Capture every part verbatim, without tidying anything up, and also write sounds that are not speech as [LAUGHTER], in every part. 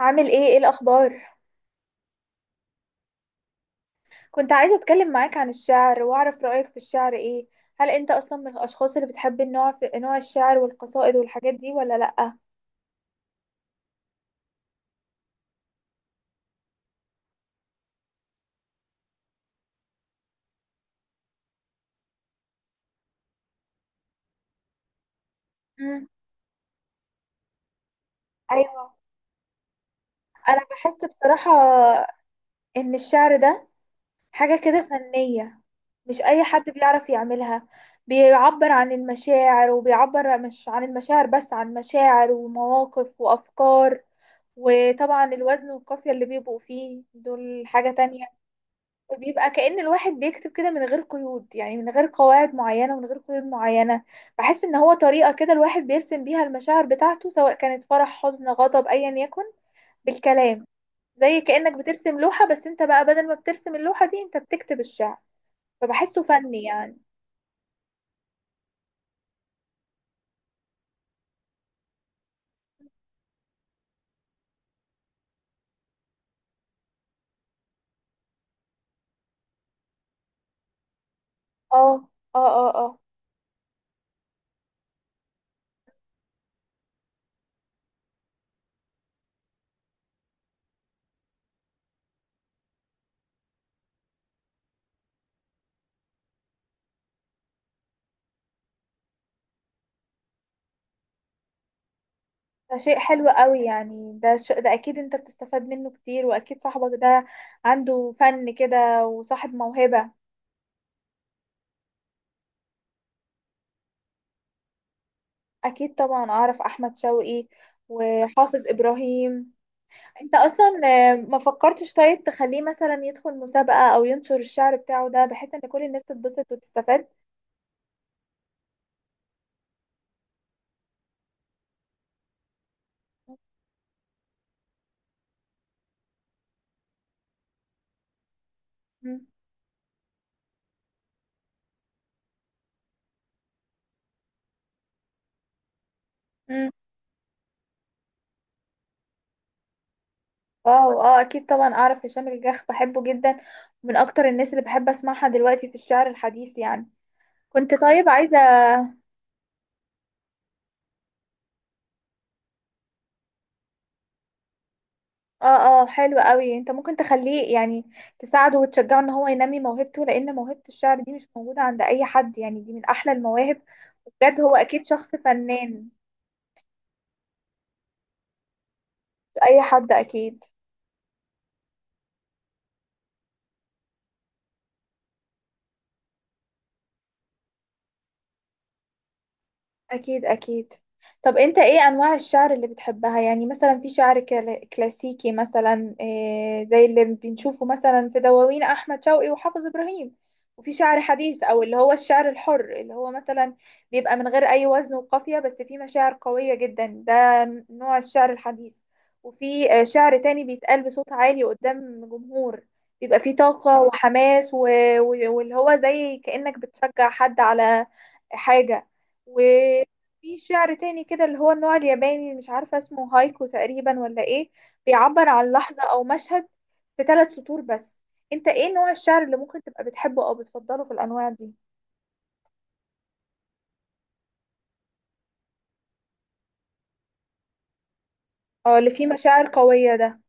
عامل ايه ايه الاخبار؟ كنت عايزه اتكلم معاك عن الشعر، واعرف رايك في الشعر ايه. هل انت اصلا من الاشخاص اللي بتحب النوع في نوع الشعر والقصائد والحاجات دي ولا لا؟ امم. ايوه. انا بحس بصراحه ان الشعر ده حاجه كده فنيه، مش اي حد بيعرف يعملها. بيعبر عن المشاعر، وبيعبر مش عن المشاعر بس، عن مشاعر ومواقف وافكار. وطبعا الوزن والقافيه اللي بيبقوا فيه دول حاجه تانية. بيبقى كأن الواحد بيكتب كده من غير قيود، يعني من غير قواعد معينة ومن غير قيود معينة. بحس ان هو طريقة كده الواحد بيرسم بيها المشاعر بتاعته، سواء كانت فرح، حزن، غضب، ايا يكن، بالكلام. زي كأنك بترسم لوحة، بس انت بقى بدل ما بترسم اللوحة دي انت بتكتب الشعر. فبحسه فني يعني. اه، اه، اه، اه. ده شيء حلو قوي يعني. ده ش... ده اكيد انت بتستفاد منه كتير، واكيد صاحبك ده عنده فن كده وصاحب موهبة. اكيد طبعا اعرف احمد شوقي وحافظ ابراهيم. انت اصلا، آه، ما فكرتش طيب تخليه مثلا يدخل مسابقة او ينشر الشعر بتاعه ده، بحيث ان كل الناس تتبسط وتستفاد؟ مم. مم. واو، اه، اكيد طبعا اعرف هشام الجاخ، بحبه جدا. من اكتر الناس اللي بحب اسمعها دلوقتي في الشعر الحديث يعني. كنت طيب عايزة. اه، اه، حلو قوي. انت ممكن تخليه يعني تساعده وتشجعه ان هو ينمي موهبته، لان موهبة الشعر دي مش موجودة عند اي حد يعني، دي من احلى المواهب. بجد هو اكيد شخص فنان. مش اي حد. اكيد اكيد اكيد. طب انت ايه انواع الشعر اللي بتحبها؟ يعني مثلا في شعر كلا- كلاسيكي، مثلا إيه، زي اللي بنشوفه مثلا في دواوين احمد شوقي وحافظ ابراهيم. وفي شعر حديث او اللي هو الشعر الحر، اللي هو مثلا بيبقى من غير اي وزن وقافية، بس فيه مشاعر قوية جدا، ده نوع الشعر الحديث. وفي آه، شعر تاني بيتقال بصوت عالي قدام جمهور، بيبقى فيه طاقة وحماس و- و- واللي هو زي كأنك بتشجع حد على حاجة. في شعر تاني كده اللي هو النوع الياباني اللي مش عارفة اسمه، هايكو تقريبا ولا ايه، بيعبر عن لحظة او مشهد في ثلاث سطور بس. انت ايه نوع الشعر اللي ممكن تبقى بتحبه او بتفضله في الانواع دي؟ اه، اللي فيه مشاعر قوية ده.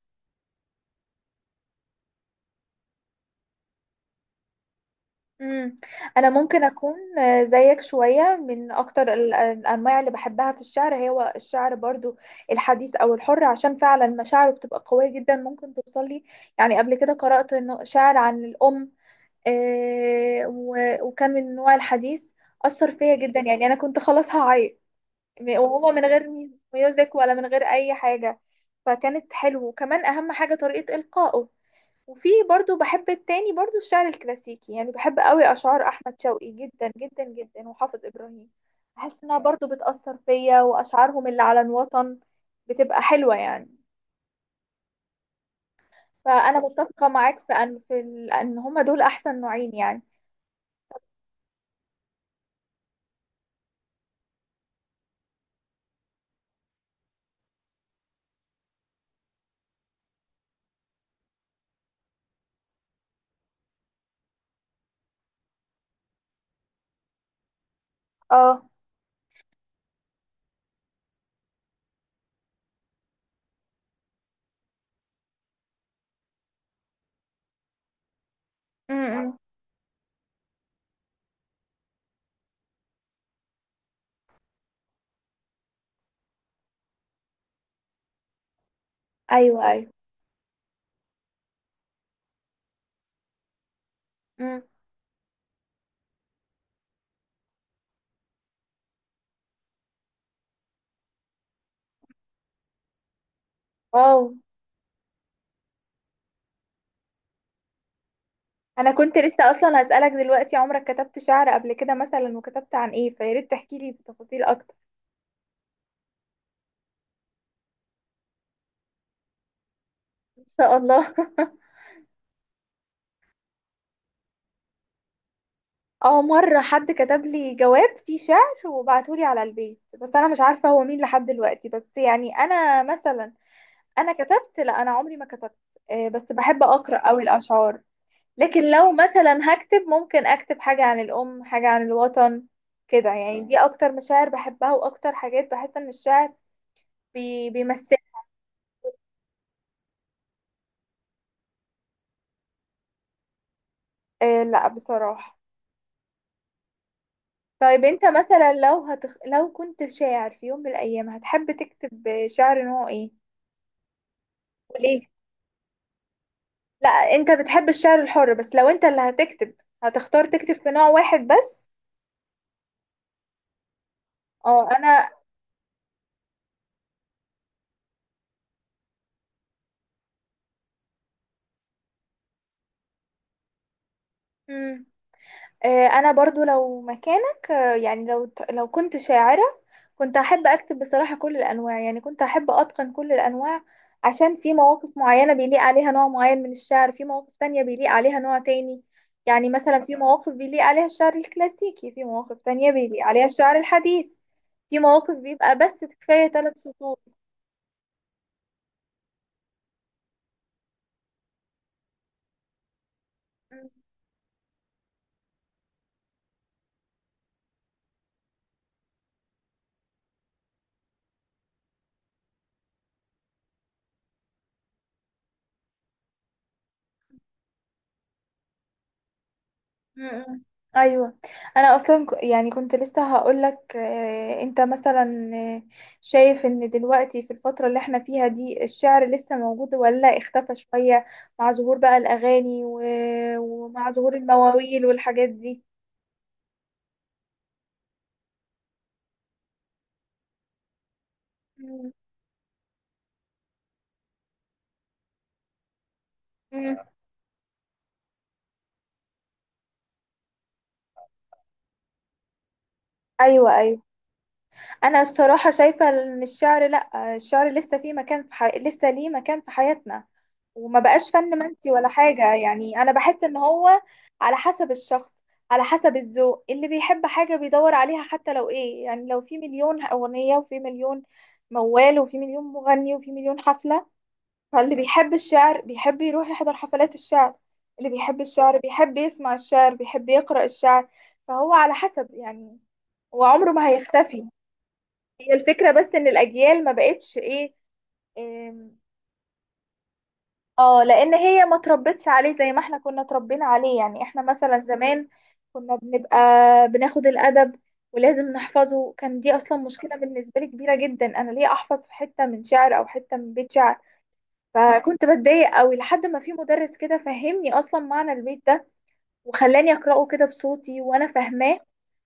امم. انا ممكن اكون آه، زيك شوية. من اكتر ال- الانواع اللي بحبها في الشعر هو الشعر برضو الحديث او الحر، عشان فعلا مشاعره بتبقى قوية جدا، ممكن توصل لي. يعني قبل كده قرأت انه شعر عن الام، آه، و- وكان من نوع الحديث. أثر فيا جدا، يعني أنا كنت خلاص هعيط. م- وهو من غير مي- ميوزك، ولا من غير أي حاجة، فكانت حلوة، وكمان أهم حاجة طريقة إلقائه. وفي برضو بحب التاني برضو الشعر الكلاسيكي، يعني بحب قوي أشعار أحمد شوقي جدا جدا جدا، وحافظ إبراهيم. بحس إنها برضو بتأثر فيا، وأشعارهم اللي على الوطن بتبقى حلوة يعني. فأنا متفقة معاك في أن في ال- إن هما دول أحسن نوعين يعني. اه. م- م. أيوه، أيوه. مم. واو. انا كنت لسه اصلا هسألك دلوقتي، عمرك كتبت شعر قبل كده مثلا؟ وكتبت عن ايه؟ فيا ريت تحكي لي بتفاصيل اكتر. ان شاء الله. [LAUGHS] اه، مرة حد كتب لي جواب فيه شعر وبعته لي على البيت، بس انا مش عارفة هو مين لحد دلوقتي. بس يعني انا مثلا، انا كتبت، لا انا عمري ما كتبت. آه، بس بحب اقرأ قوي الاشعار. لكن لو مثلا هكتب، ممكن اكتب حاجة عن الام، حاجة عن الوطن، كده يعني. دي اكتر مشاعر بحبها، واكتر حاجات بحس ان الشعر بي- بيمثلني. آه، لا بصراحة. طيب انت مثلا، لو هتخ... لو كنت شاعر في يوم من الايام، هتحب تكتب شعر نوع ايه؟ وليه؟ لا انت بتحب الشعر الحر، بس لو انت اللي هتكتب، هتختار تكتب في نوع واحد بس؟ اه. انا. مم. آه، انا برضو لو مكانك، آه، يعني لو ت- لو كنت شاعرة، كنت احب اكتب بصراحة كل الانواع، يعني كنت احب اتقن كل الانواع، عشان في مواقف معينة بيليق عليها نوع معين من الشعر، في مواقف تانية بيليق عليها نوع تاني. يعني مثلا في مواقف بيليق عليها الشعر الكلاسيكي، في مواقف تانية بيليق عليها الشعر الحديث، في مواقف بيبقى بس كفاية ثلاث سطور. مم. ايوه. انا اصلا ك- يعني كنت لسه هقول لك، انت مثلا آه، شايف ان دلوقتي في الفتره اللي احنا فيها دي الشعر لسه موجود ولا اختفى شويه، مع ظهور بقى الاغاني و- ومع ظهور المواويل والحاجات دي؟ مم. مم. ايوه، ايوه. انا بصراحه شايفه ان الشعر، لا، الشعر لسه فيه مكان في حي... لسه ليه مكان في حياتنا، وما بقاش فن منسي ولا حاجة، يعني أنا بحس إن هو على حسب الشخص، على حسب الذوق، اللي بيحب حاجة بيدور عليها. حتى لو إيه يعني، لو في مليون أغنية وفي مليون موال وفي مليون مغني وفي مليون حفلة، فاللي بيحب الشعر بيحب يروح يحضر حفلات الشعر، اللي بيحب الشعر بيحب يسمع الشعر، بيحب يقرأ الشعر. فهو على حسب يعني، وعمره ما هيختفي. هي الفكرة بس إن الأجيال ما بقتش إيه إيه. اه، لان هي ما تربتش عليه زي ما احنا كنا اتربينا عليه، يعني احنا مثلا زمان كنا بنبقى بناخد الادب ولازم نحفظه. كان دي اصلا مشكله بالنسبه لي كبيره جدا، انا ليه احفظ في حته من شعر او حته من بيت شعر؟ فكنت بتضايق قوي، لحد ما في مدرس كده فهمني اصلا معنى البيت ده، وخلاني اقراه كده بصوتي وانا فاهماه.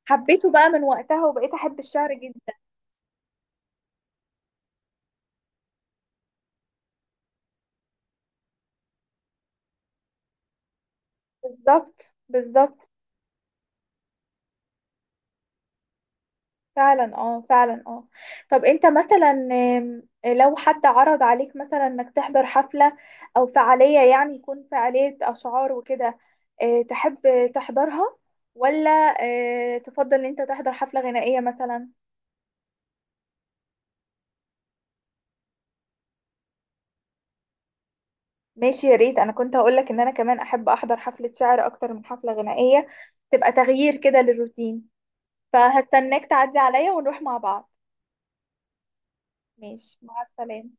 حبيته بقى من وقتها، وبقيت احب الشعر جدا. بالظبط بالظبط. فعلا، اه، فعلا، اه. طب انت مثلا، آم، لو حد عرض عليك مثلا انك تحضر حفلة او فعالية، يعني يكون فعالية اشعار وكده، آه، تحب تحضرها؟ ولا آه، تفضل ان انت تحضر حفلة غنائية مثلا؟ ماشي، يا ريت، انا كنت هقولك ان انا كمان احب احضر حفلة شعر اكتر من حفلة غنائية، تبقى تغيير كده للروتين. فهستناك تعدي عليا ونروح مع بعض. ماشي، مع السلامة.